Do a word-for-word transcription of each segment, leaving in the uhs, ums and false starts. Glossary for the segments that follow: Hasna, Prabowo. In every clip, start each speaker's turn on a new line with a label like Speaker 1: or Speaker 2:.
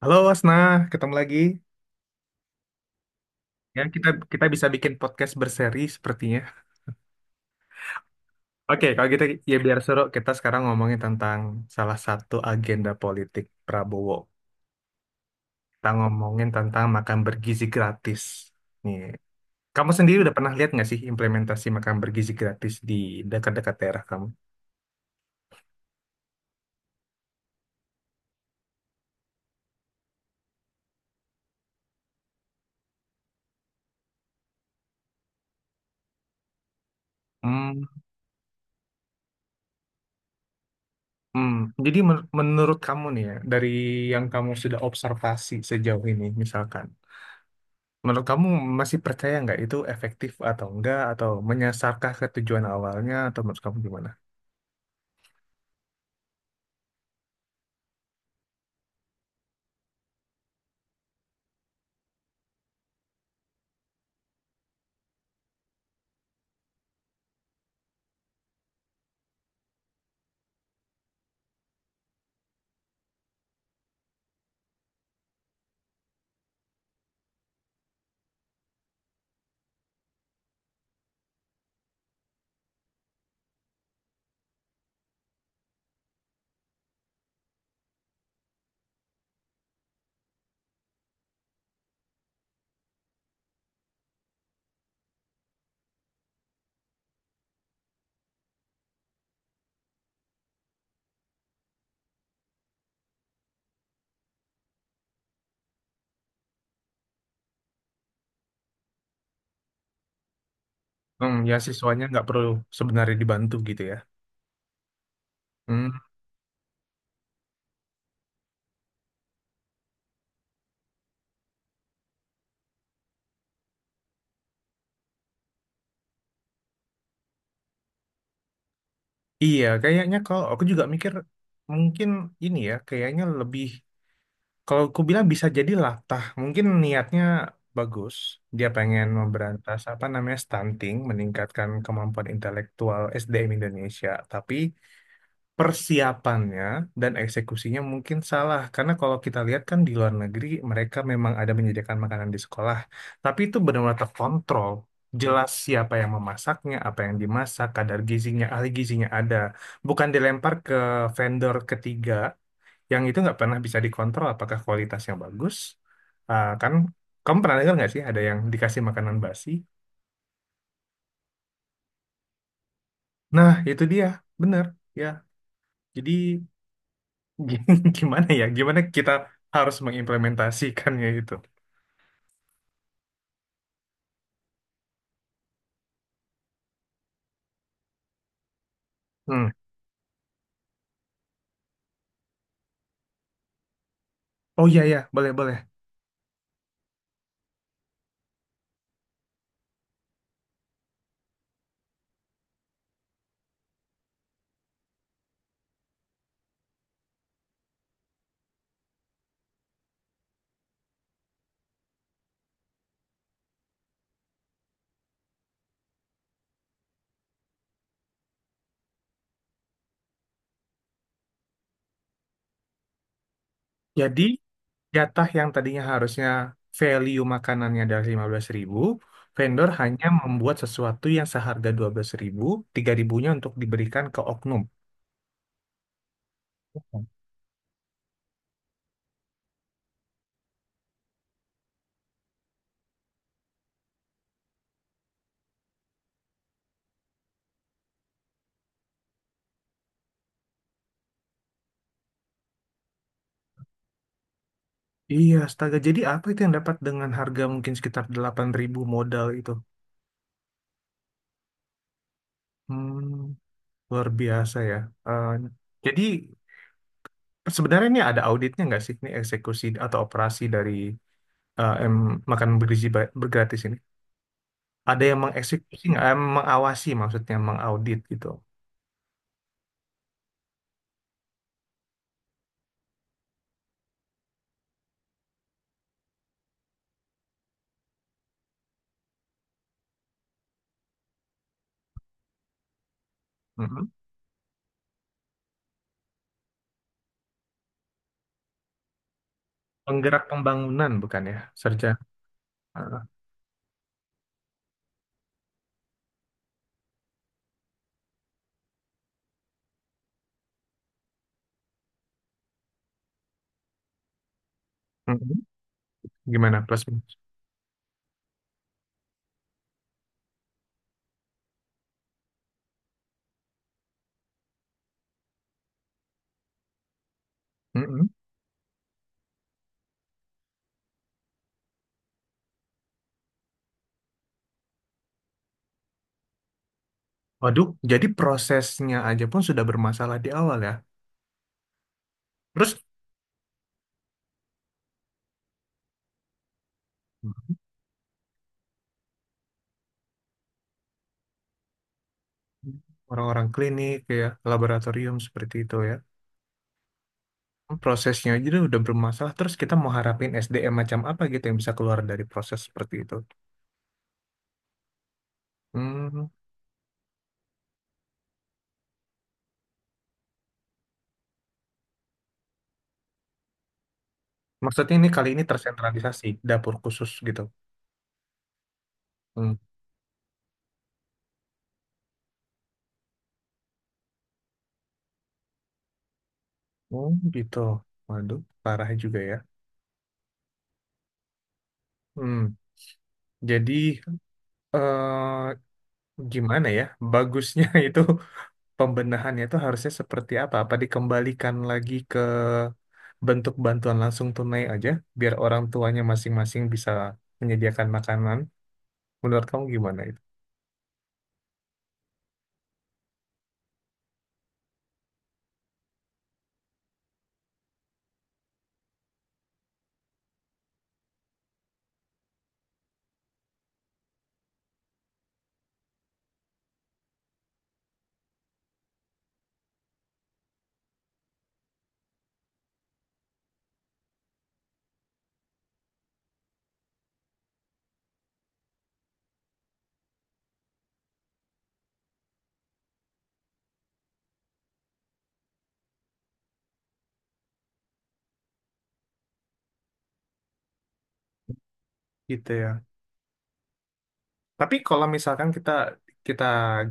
Speaker 1: Halo Wasna, ketemu lagi. Ya, kita kita bisa bikin podcast berseri sepertinya. Oke, kalau kita ya biar seru kita sekarang ngomongin tentang salah satu agenda politik Prabowo. Kita ngomongin tentang makan bergizi gratis. Nih, kamu sendiri udah pernah lihat nggak sih implementasi makan bergizi gratis di dekat-dekat daerah kamu? Hmm, hmm. Jadi men- menurut kamu nih ya, dari yang kamu sudah observasi sejauh ini misalkan, menurut kamu masih percaya nggak itu efektif atau enggak atau menyasarkah ke tujuan awalnya atau menurut kamu gimana? Hmm, ya siswanya nggak perlu sebenarnya dibantu gitu ya. Hmm, iya, kayaknya kalau aku juga mikir mungkin ini ya, kayaknya lebih kalau aku bilang bisa jadi latah. Mungkin niatnya bagus, dia pengen memberantas apa namanya stunting, meningkatkan kemampuan intelektual S D M Indonesia, tapi persiapannya dan eksekusinya mungkin salah. Karena kalau kita lihat kan di luar negeri mereka memang ada menyediakan makanan di sekolah, tapi itu benar-benar terkontrol. Jelas siapa yang memasaknya, apa yang dimasak, kadar gizinya, ahli gizinya ada. Bukan dilempar ke vendor ketiga yang itu nggak pernah bisa dikontrol apakah kualitasnya bagus. Ah, kan kamu pernah dengar nggak sih ada yang dikasih makanan basi? Nah, itu dia. Benar. Ya, jadi G- gimana ya? Gimana kita harus mengimplementasikannya itu? Hmm. Oh iya ya, boleh boleh. Jadi jatah yang tadinya harusnya value makanannya dari lima belas ribu, vendor hanya membuat sesuatu yang seharga dua belas ribu, tiga ribu-nya untuk diberikan ke oknum. Iya, astaga. Jadi apa itu yang dapat dengan harga mungkin sekitar delapan ribu modal itu? Hmm, luar biasa ya. Eh, jadi sebenarnya ini ada auditnya nggak sih, ini eksekusi atau operasi dari eh, em, makan bergizi ba- bergratis ini ada yang mengeksekusi nggak, Em, mengawasi, maksudnya mengaudit gitu. Mhm. Penggerak pembangunan bukan ya, sarjana. Mhm. Gimana plus minus? Mhm. Waduh, jadi prosesnya aja pun sudah bermasalah di awal ya. Terus, Mhm. Orang-orang klinik ya, laboratorium seperti itu ya. Prosesnya aja udah bermasalah, terus kita mau harapin S D M macam apa gitu yang bisa keluar dari proses seperti itu. Hmm. Maksudnya ini, kali ini tersentralisasi dapur khusus gitu. Hmm. Oh gitu. Waduh, parah juga ya. Hmm. Jadi, eh gimana ya? Bagusnya itu pembenahannya itu harusnya seperti apa? Apa dikembalikan lagi ke bentuk bantuan langsung tunai aja, biar orang tuanya masing-masing bisa menyediakan makanan. Menurut kamu gimana itu? Gitu ya. Tapi kalau misalkan kita kita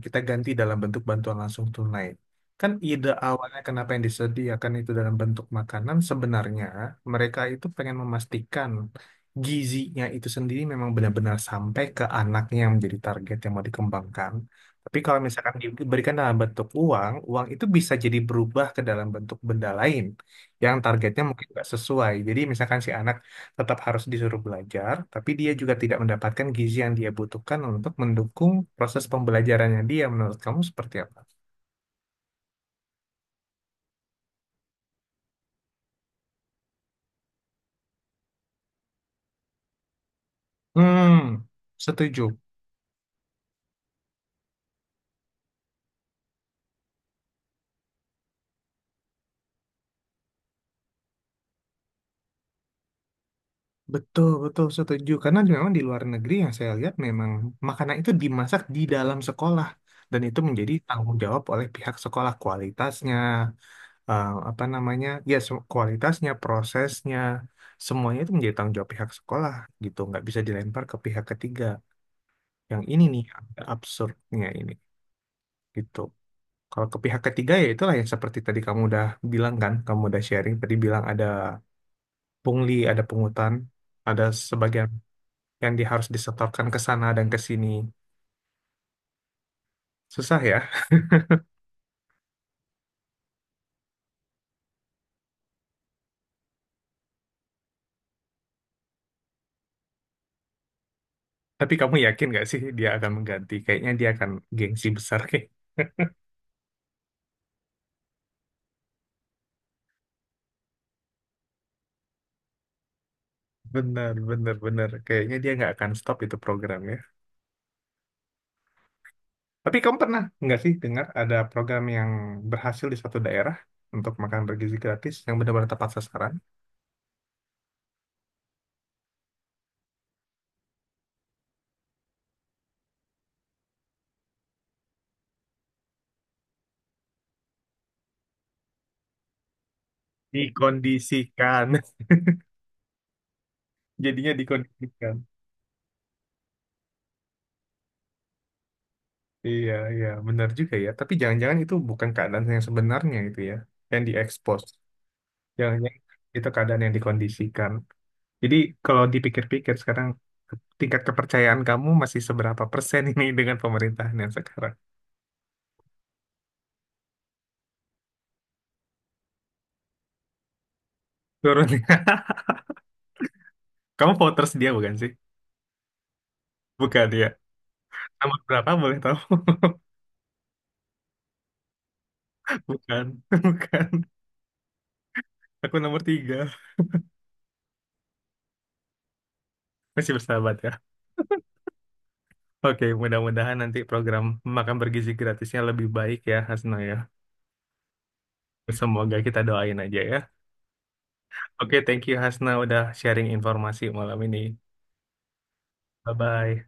Speaker 1: kita ganti dalam bentuk bantuan langsung tunai, kan ide awalnya kenapa yang disediakan itu dalam bentuk makanan, sebenarnya mereka itu pengen memastikan gizinya itu sendiri memang benar-benar sampai ke anaknya yang menjadi target yang mau dikembangkan. Tapi kalau misalkan diberikan dalam bentuk uang, uang itu bisa jadi berubah ke dalam bentuk benda lain yang targetnya mungkin nggak sesuai. Jadi misalkan si anak tetap harus disuruh belajar, tapi dia juga tidak mendapatkan gizi yang dia butuhkan untuk mendukung proses pembelajarannya dia. Menurut kamu seperti apa? Hmm, setuju. Betul, betul setuju. Karena memang di luar negeri yang saya lihat memang makanan itu dimasak di dalam sekolah. Dan itu menjadi tanggung jawab oleh pihak sekolah, kualitasnya, eh, apa namanya, ya se- kualitasnya, prosesnya, semuanya itu menjadi tanggung jawab pihak sekolah gitu. Nggak bisa dilempar ke pihak ketiga. Yang ini nih agak absurdnya ini. Gitu. Kalau ke pihak ketiga, ya itulah yang seperti tadi kamu udah bilang kan, kamu udah sharing tadi bilang ada pungli, ada pungutan, ada sebagian yang di, harus disetorkan ke sana dan ke sini. Susah ya. Tapi kamu yakin gak sih dia akan mengganti? Kayaknya dia akan gengsi besar kayak. Bener, bener, bener. Kayaknya dia nggak akan stop itu programnya. Tapi kamu pernah nggak sih dengar ada program yang berhasil di suatu daerah untuk makan bergizi gratis yang benar-benar tepat sasaran? Dikondisikan. Jadinya dikondisikan. Iya, iya, benar juga ya. Tapi jangan-jangan itu bukan keadaan yang sebenarnya itu ya, yang diekspos. Jangan-jangan itu keadaan yang dikondisikan. Jadi kalau dipikir-pikir sekarang, tingkat kepercayaan kamu masih seberapa persen ini dengan pemerintahan yang sekarang? Turun ya. Kamu voters dia bukan sih? Bukan ya. Nomor berapa boleh tahu? Bukan, bukan. Aku nomor tiga. Masih bersahabat ya. Oke, mudah-mudahan nanti program makan bergizi gratisnya lebih baik ya, Hasno ya. Semoga kita doain aja ya. Oke, thank you Hasna, udah sharing informasi malam ini. Bye-bye.